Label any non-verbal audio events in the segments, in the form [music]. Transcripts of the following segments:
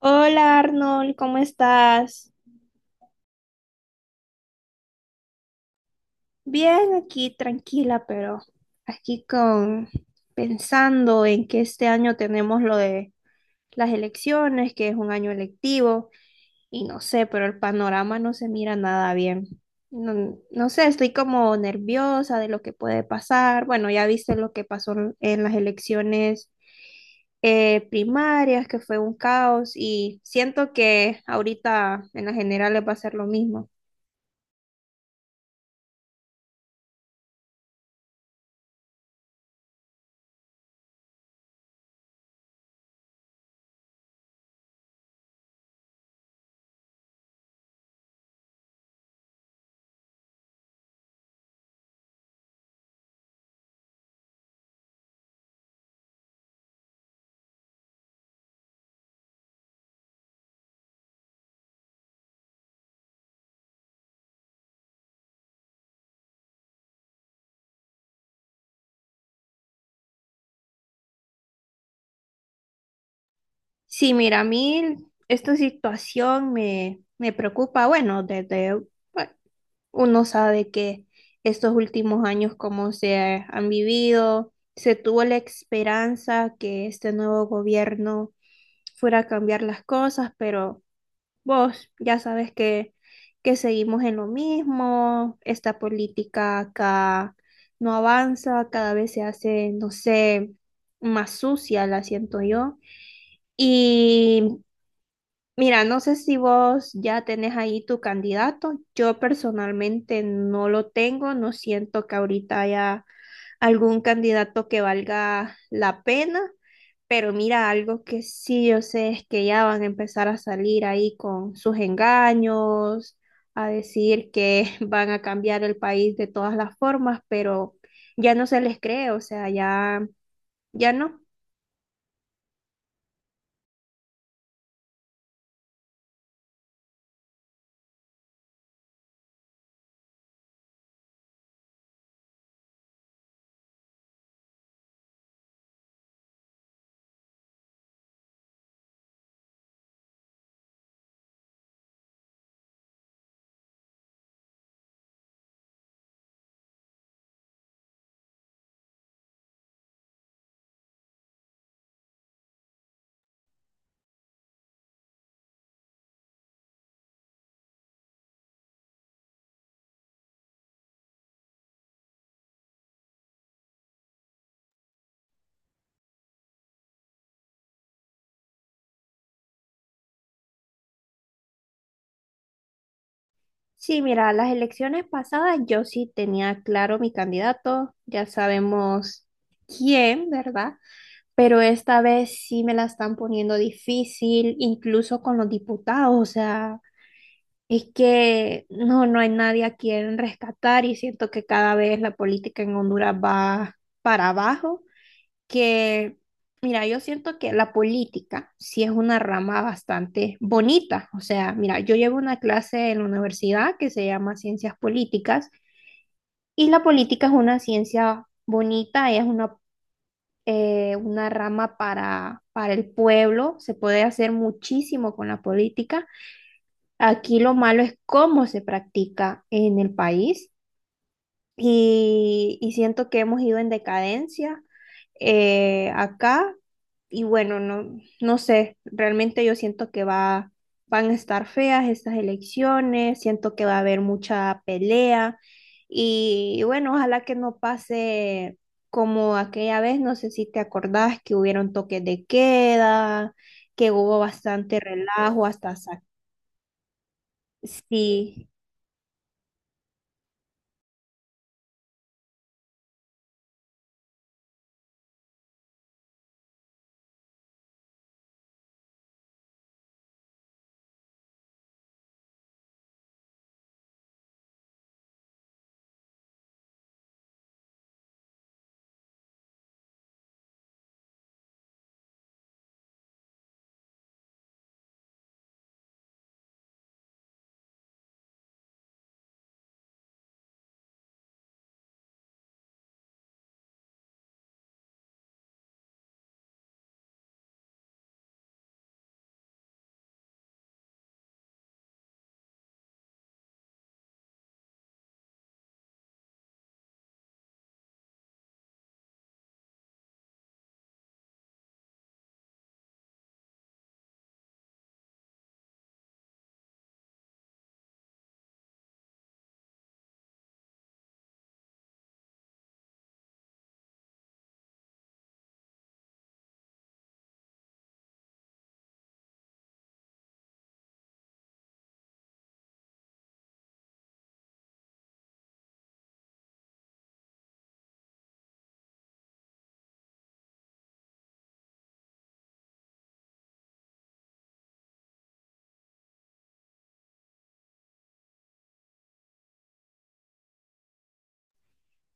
Hola Arnold, ¿cómo estás? Bien, aquí tranquila, pero aquí con pensando en que este año tenemos lo de las elecciones, que es un año electivo, y no sé, pero el panorama no se mira nada bien. No, no sé, estoy como nerviosa de lo que puede pasar. Bueno, ya viste lo que pasó en las elecciones primarias, que fue un caos, y siento que ahorita en las generales va a ser lo mismo. Sí, mira, a mí esta situación me, me preocupa. Bueno, desde, bueno, uno sabe que estos últimos años, como se han vivido, se tuvo la esperanza que este nuevo gobierno fuera a cambiar las cosas, pero vos ya sabes que seguimos en lo mismo, esta política acá no avanza, cada vez se hace, no sé, más sucia, la siento yo. Y mira, no sé si vos ya tenés ahí tu candidato. Yo personalmente no lo tengo, no siento que ahorita haya algún candidato que valga la pena, pero mira, algo que sí yo sé es que ya van a empezar a salir ahí con sus engaños, a decir que [laughs] van a cambiar el país de todas las formas, pero ya no se les cree, o sea, ya, ya no. Sí, mira, las elecciones pasadas yo sí tenía claro mi candidato, ya sabemos quién, ¿verdad? Pero esta vez sí me la están poniendo difícil, incluso con los diputados, o sea, es que no, no hay nadie a quien rescatar, y siento que cada vez la política en Honduras va para abajo. Que, mira, yo siento que la política sí es una rama bastante bonita. O sea, mira, yo llevo una clase en la universidad que se llama Ciencias Políticas, y la política es una ciencia bonita, es una rama para el pueblo, se puede hacer muchísimo con la política. Aquí lo malo es cómo se practica en el país. Y, y siento que hemos ido en decadencia acá, y bueno, no, no sé, realmente yo siento que va, van a estar feas estas elecciones, siento que va a haber mucha pelea y, bueno, ojalá que no pase como aquella vez, no sé si te acordás que hubieron toques de queda, que hubo bastante relajo hasta Sí,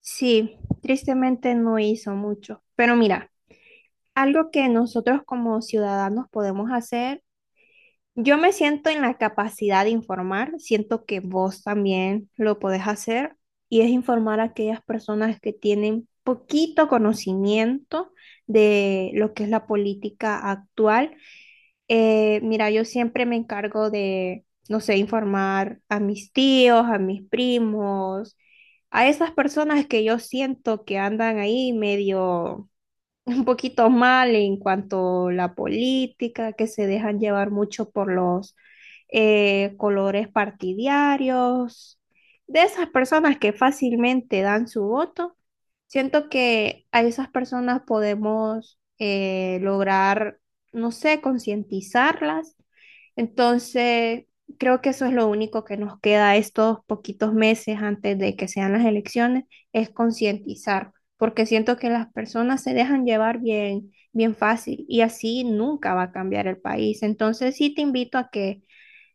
sí, tristemente no hizo mucho, pero mira. Algo que nosotros como ciudadanos podemos hacer, yo me siento en la capacidad de informar, siento que vos también lo podés hacer, y es informar a aquellas personas que tienen poquito conocimiento de lo que es la política actual. Mira, yo siempre me encargo de, no sé, informar a mis tíos, a mis primos, a esas personas que yo siento que andan ahí medio un poquito mal en cuanto a la política, que se dejan llevar mucho por los colores partidarios, de esas personas que fácilmente dan su voto. Siento que a esas personas podemos lograr, no sé, concientizarlas. Entonces, creo que eso es lo único que nos queda estos poquitos meses antes de que sean las elecciones, es concientizar, porque siento que las personas se dejan llevar bien, bien fácil y así nunca va a cambiar el país. Entonces, sí te invito a que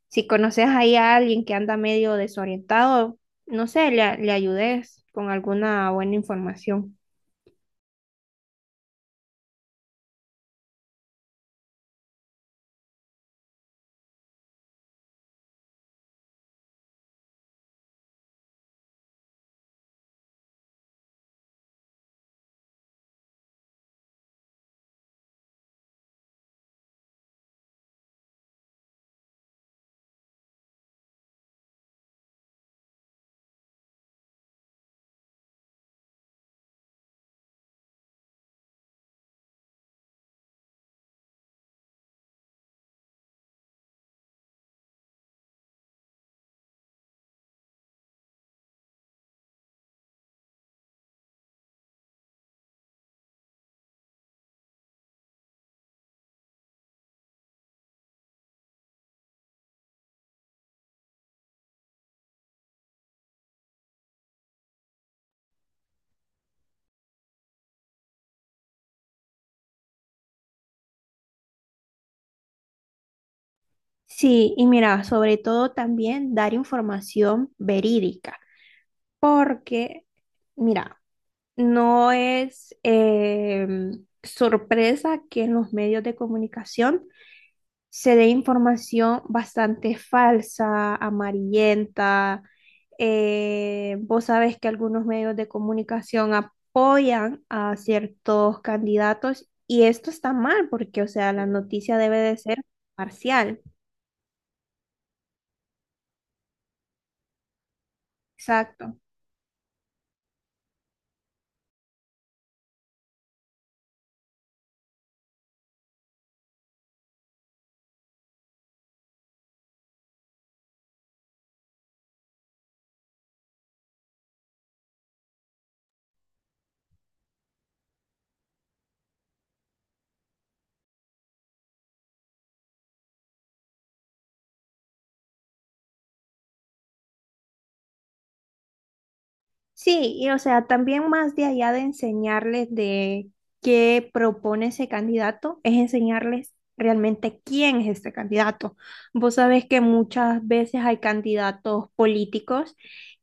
si conoces ahí a alguien que anda medio desorientado, no sé, le, le ayudes con alguna buena información. Sí, y mira, sobre todo también dar información verídica, porque, mira, no es sorpresa que en los medios de comunicación se dé información bastante falsa, amarillenta. Vos sabés que algunos medios de comunicación apoyan a ciertos candidatos y esto está mal porque, o sea, la noticia debe de ser parcial. Exacto. Sí, y o sea, también más de allá de enseñarles de qué propone ese candidato, es enseñarles realmente quién es este candidato. Vos sabés que muchas veces hay candidatos políticos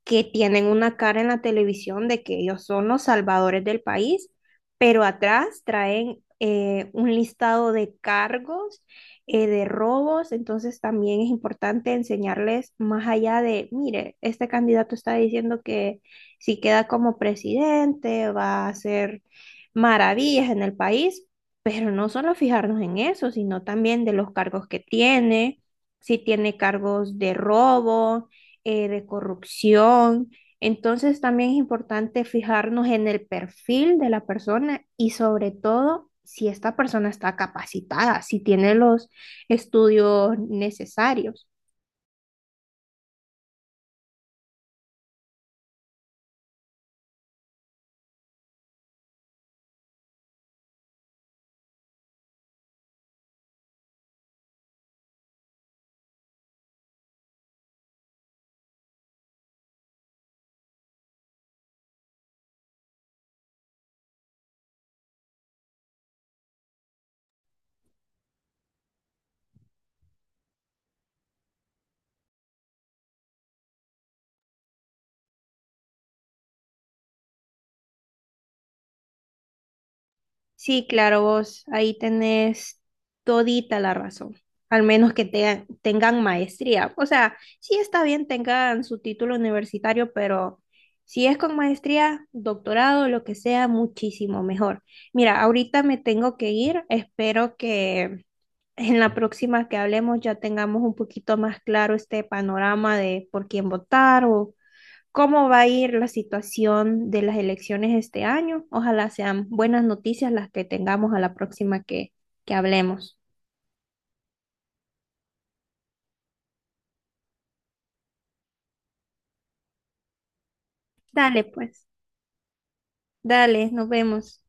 que tienen una cara en la televisión de que ellos son los salvadores del país, pero atrás traen un listado de cargos, de robos, entonces también es importante enseñarles más allá de, mire, este candidato está diciendo que si queda como presidente, va a hacer maravillas en el país, pero no solo fijarnos en eso, sino también de los cargos que tiene, si tiene cargos de robo, de corrupción. Entonces también es importante fijarnos en el perfil de la persona y sobre todo si esta persona está capacitada, si tiene los estudios necesarios. Sí, claro, vos ahí tenés todita la razón, al menos que tengan maestría. O sea, sí está bien tengan su título universitario, pero si es con maestría, doctorado, lo que sea, muchísimo mejor. Mira, ahorita me tengo que ir, espero que en la próxima que hablemos ya tengamos un poquito más claro este panorama de por quién votar o cómo va a ir la situación de las elecciones este año. Ojalá sean buenas noticias las que tengamos a la próxima que hablemos. Dale, pues, dale, nos vemos.